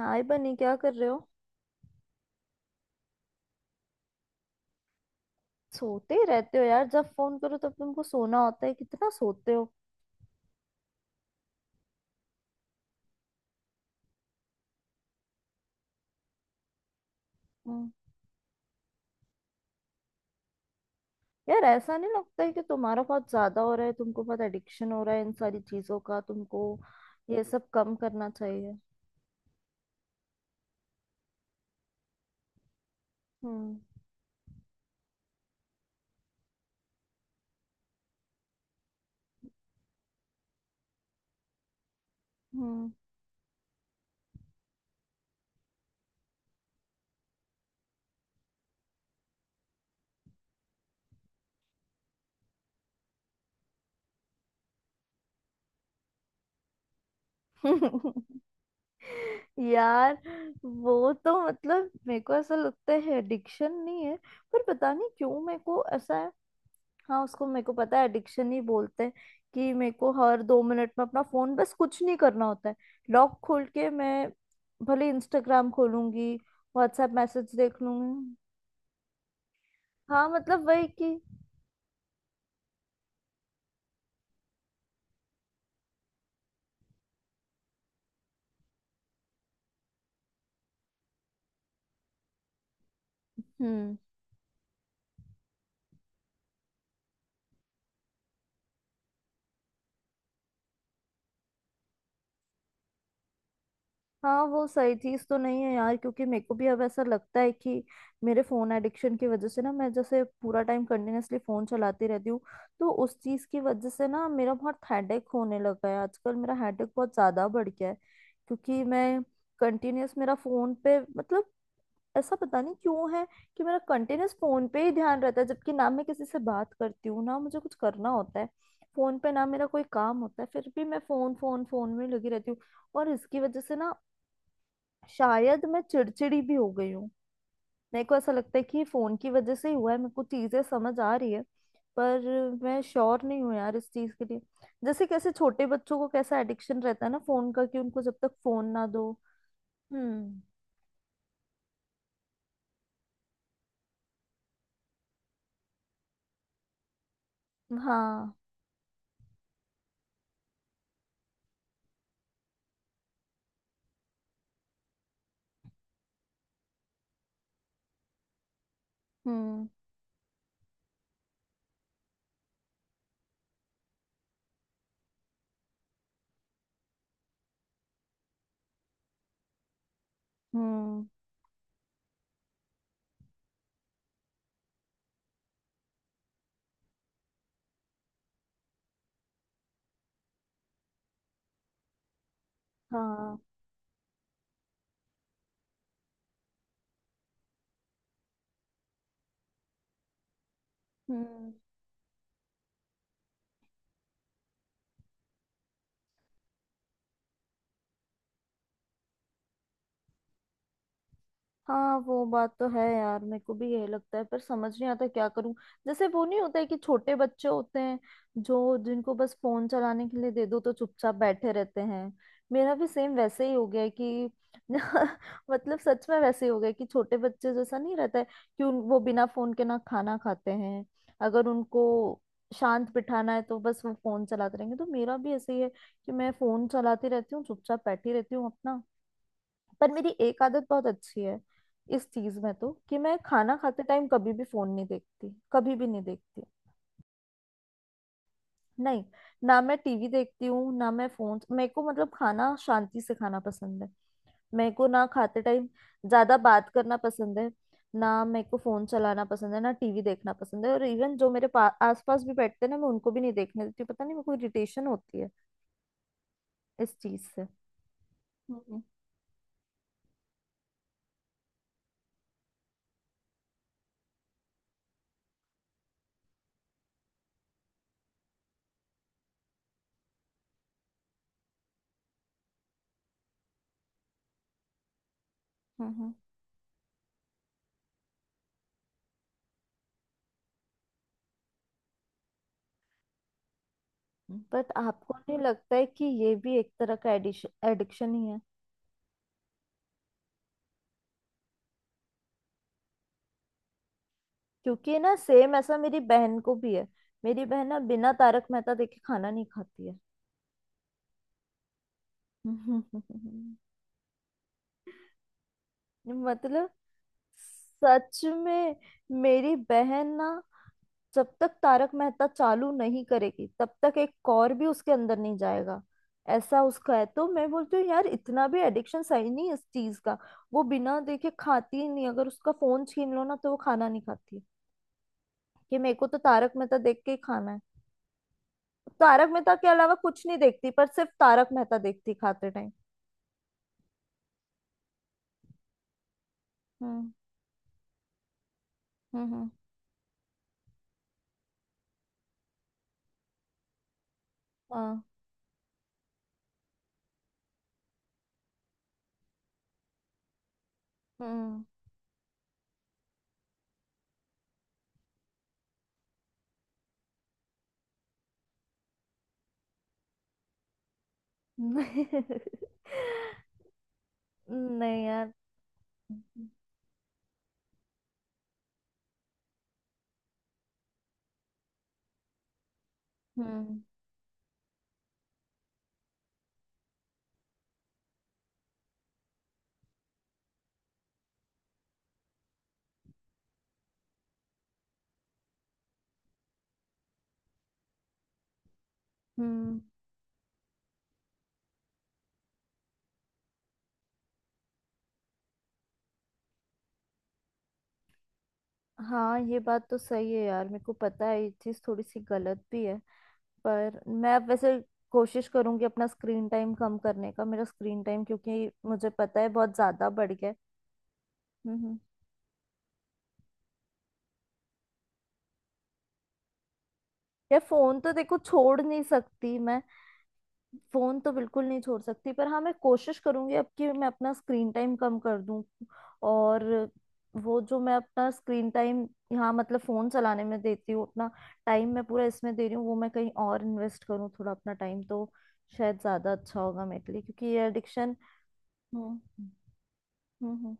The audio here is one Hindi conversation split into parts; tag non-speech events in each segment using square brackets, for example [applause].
हाय बनी, क्या कर रहे हो? सोते ही रहते हो यार। जब फोन करो तब तुमको सोना होता है। कितना सोते हो! हम्म। यार, ऐसा नहीं लगता है कि तुम्हारा बहुत ज्यादा हो रहा है? तुमको बहुत एडिक्शन हो रहा है इन सारी चीजों का तुमको। ये सब कम करना चाहिए। हम्म। हम्म। [laughs] यार, वो तो मतलब मेरे को ऐसा लगता है एडिक्शन नहीं है। पर पता नहीं क्यों मेरे को ऐसा। हाँ, उसको मेरे को पता है एडिक्शन ही बोलते हैं कि मेरे को हर दो मिनट में अपना फोन, बस कुछ नहीं करना होता है। लॉक खोल के मैं भले इंस्टाग्राम खोलूंगी, व्हाट्सएप मैसेज देख लूंगी। हाँ, मतलब वही कि। हम्म। हाँ, वो सही चीज तो नहीं है यार, क्योंकि मेरे को भी अब ऐसा लगता है कि मेरे फोन एडिक्शन की वजह से ना मैं जैसे पूरा टाइम कंटिन्यूअसली फोन चलाती रहती हूँ। तो उस चीज की वजह से ना मेरा बहुत हेडेक होने लगा है आजकल। मेरा हेडेक बहुत ज्यादा बढ़ गया है क्योंकि मैं कंटिन्यूअस मेरा फोन पे, मतलब ऐसा पता नहीं क्यों है कि मेरा कंटिन्यूअस फोन पे ही ध्यान रहता है। जबकि ना मैं किसी से बात करती हूँ, ना मुझे कुछ करना होता है, फोन पे ना मेरा कोई काम होता है, फिर भी मैं फोन फोन फोन में लगी रहती हूँ। और इसकी वजह से ना शायद मैं चिड़चिड़ी भी हो गई हूँ। मेरे को ऐसा लगता है कि फोन की वजह से ही हुआ है। मेरे को चीजें समझ आ रही है। पर मैं श्योर नहीं हूँ यार इस चीज के लिए। जैसे कैसे छोटे बच्चों को कैसा एडिक्शन रहता है ना फोन का, कि उनको जब तक फोन ना दो। हम्म। हाँ। हम्म। हम्म। हाँ। हम्म। हाँ, वो बात तो है यार, मेरे को भी यही लगता है पर समझ नहीं आता क्या करूं। जैसे वो नहीं होता है कि छोटे बच्चे होते हैं जो जिनको बस फोन चलाने के लिए दे दो तो चुपचाप बैठे रहते हैं, मेरा भी सेम वैसे ही हो गया है कि। [laughs] मतलब सच में वैसे ही हो गया है कि छोटे बच्चे जैसा नहीं रहता है कि वो बिना फोन के ना खाना खाते हैं, अगर उनको शांत बिठाना है तो बस वो फोन चलाते रहेंगे। तो मेरा भी ऐसे ही है कि मैं फोन चलाती रहती हूँ, चुपचाप बैठी रहती हूँ अपना। पर मेरी एक आदत बहुत अच्छी है इस चीज में, तो कि मैं खाना खाते टाइम कभी भी फोन नहीं देखती, कभी भी नहीं देखती। नहीं, ना मैं टीवी देखती हूँ ना मैं फोन, मेरे को मतलब खाना शांति से खाना पसंद है। मेरे को ना खाते टाइम ज्यादा बात करना पसंद है। ना मेरे को फोन चलाना पसंद है, ना टीवी देखना पसंद है, और इवन जो मेरे आसपास भी बैठते हैं ना, मैं उनको भी नहीं देखने देती हूँ। पता नहीं मेरे को इरिटेशन होती है इस चीज से। हम्म। हम्म। हम्म। बट आपको नहीं लगता है कि ये भी एक तरह का एडिक्शन एडिक्शन ही? क्योंकि ना सेम ऐसा मेरी बहन को भी है। मेरी बहन ना बिना तारक मेहता देखे खाना नहीं खाती है। [laughs] मतलब सच में मेरी बहन ना जब तक तारक मेहता चालू नहीं करेगी तब तक एक कौर भी उसके अंदर नहीं जाएगा। ऐसा उसका है। तो मैं बोलती हूँ यार, इतना भी एडिक्शन सही नहीं है इस चीज का। वो बिना देखे खाती ही नहीं, अगर उसका फोन छीन लो ना तो वो खाना नहीं खाती कि मेरे को तो तारक मेहता देख के ही खाना है। तारक मेहता के अलावा कुछ नहीं देखती, पर सिर्फ तारक मेहता देखती खाते टाइम। हम्म। हम्म। हम्म। हाँ। हम्म। [laughs] नहीं यार। हम्म। हम्म। हाँ, ये बात तो सही है यार, मेरे को पता है ये चीज थोड़ी सी गलत भी है। पर मैं अब वैसे कोशिश करूंगी अपना स्क्रीन टाइम कम करने का। मेरा स्क्रीन टाइम क्योंकि मुझे पता है बहुत ज्यादा बढ़ गया है। हम्म। हम्म। यार फोन तो देखो छोड़ नहीं सकती मैं। फोन तो बिल्कुल नहीं छोड़ सकती, पर हाँ, मैं कोशिश करूंगी अब कि मैं अपना स्क्रीन टाइम कम कर दूं। और वो जो मैं अपना स्क्रीन टाइम यहाँ मतलब फोन चलाने में देती हूँ, अपना टाइम मैं पूरा इसमें दे रही हूँ, वो मैं कहीं और इन्वेस्ट करूँ थोड़ा अपना टाइम तो शायद ज्यादा अच्छा होगा मेरे लिए, क्योंकि ये एडिक्शन। हम्म। हम्म। हम्म।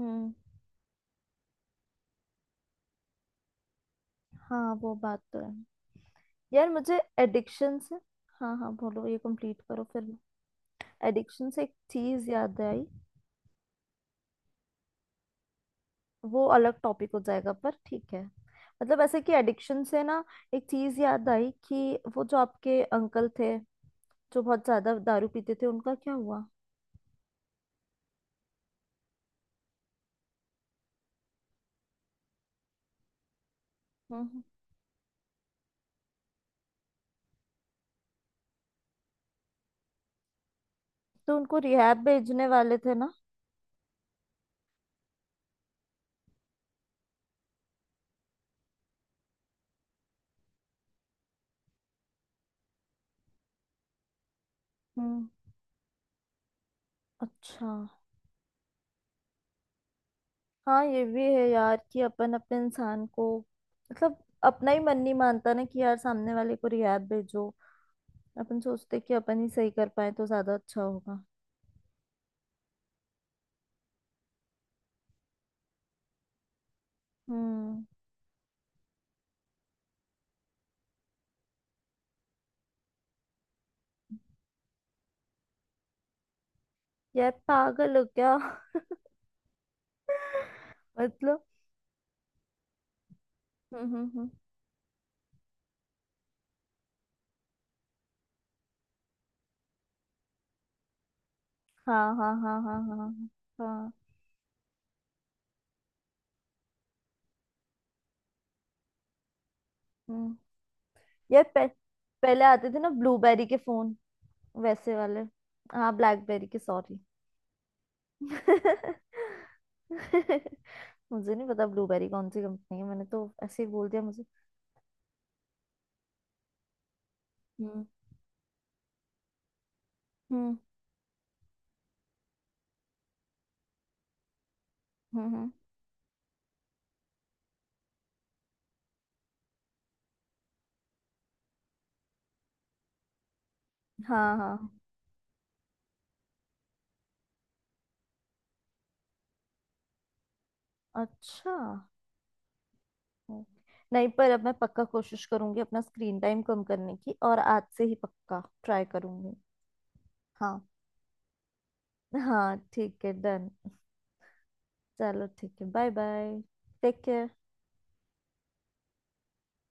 हम्म। हाँ, वो बात तो है। यार मुझे एडिक्शन से, हाँ हाँ, बोलो ये कंप्लीट करो फिर। एडिक्शन से एक चीज याद आई। वो अलग टॉपिक हो जाएगा पर ठीक है। मतलब ऐसे कि एडिक्शन से ना एक चीज याद आई कि वो जो आपके अंकल थे जो बहुत ज्यादा दारू पीते थे उनका क्या हुआ? हम्म। तो उनको रिहैब भेजने वाले थे ना? हम्म। अच्छा। हाँ, ये भी है यार कि अपन अपने इंसान को, मतलब अपना ही मन नहीं मानता ना कि यार सामने वाले को रिहैब भेजो। अपन सोचते कि अपन ही सही कर पाए तो ज्यादा अच्छा होगा। हम्म। यार पागल हो क्या? [laughs] मतलब। हम्म। हम्म। हम्म। हाँ, हाँ, हाँ, हाँ, हाँ, हाँ, हाँ। हम्म। यार पहले आते थे ना ब्लूबेरी के फोन, वैसे वाले। हाँ, ब्लैकबेरी के, सॉरी। [laughs] मुझे नहीं पता ब्लूबेरी कौन सी कंपनी है, मैंने तो ऐसे ही बोल दिया। मुझे। हम्म। हम्म। हम्म। हम्म। हाँ, हाँ। अच्छा। हम्म। नहीं, पर अब मैं पक्का कोशिश करूंगी अपना स्क्रीन टाइम कम करने की, और आज से ही पक्का ट्राई करूंगी। हाँ। हाँ, ठीक है, डन। चलो ठीक है, बाय बाय। Take care.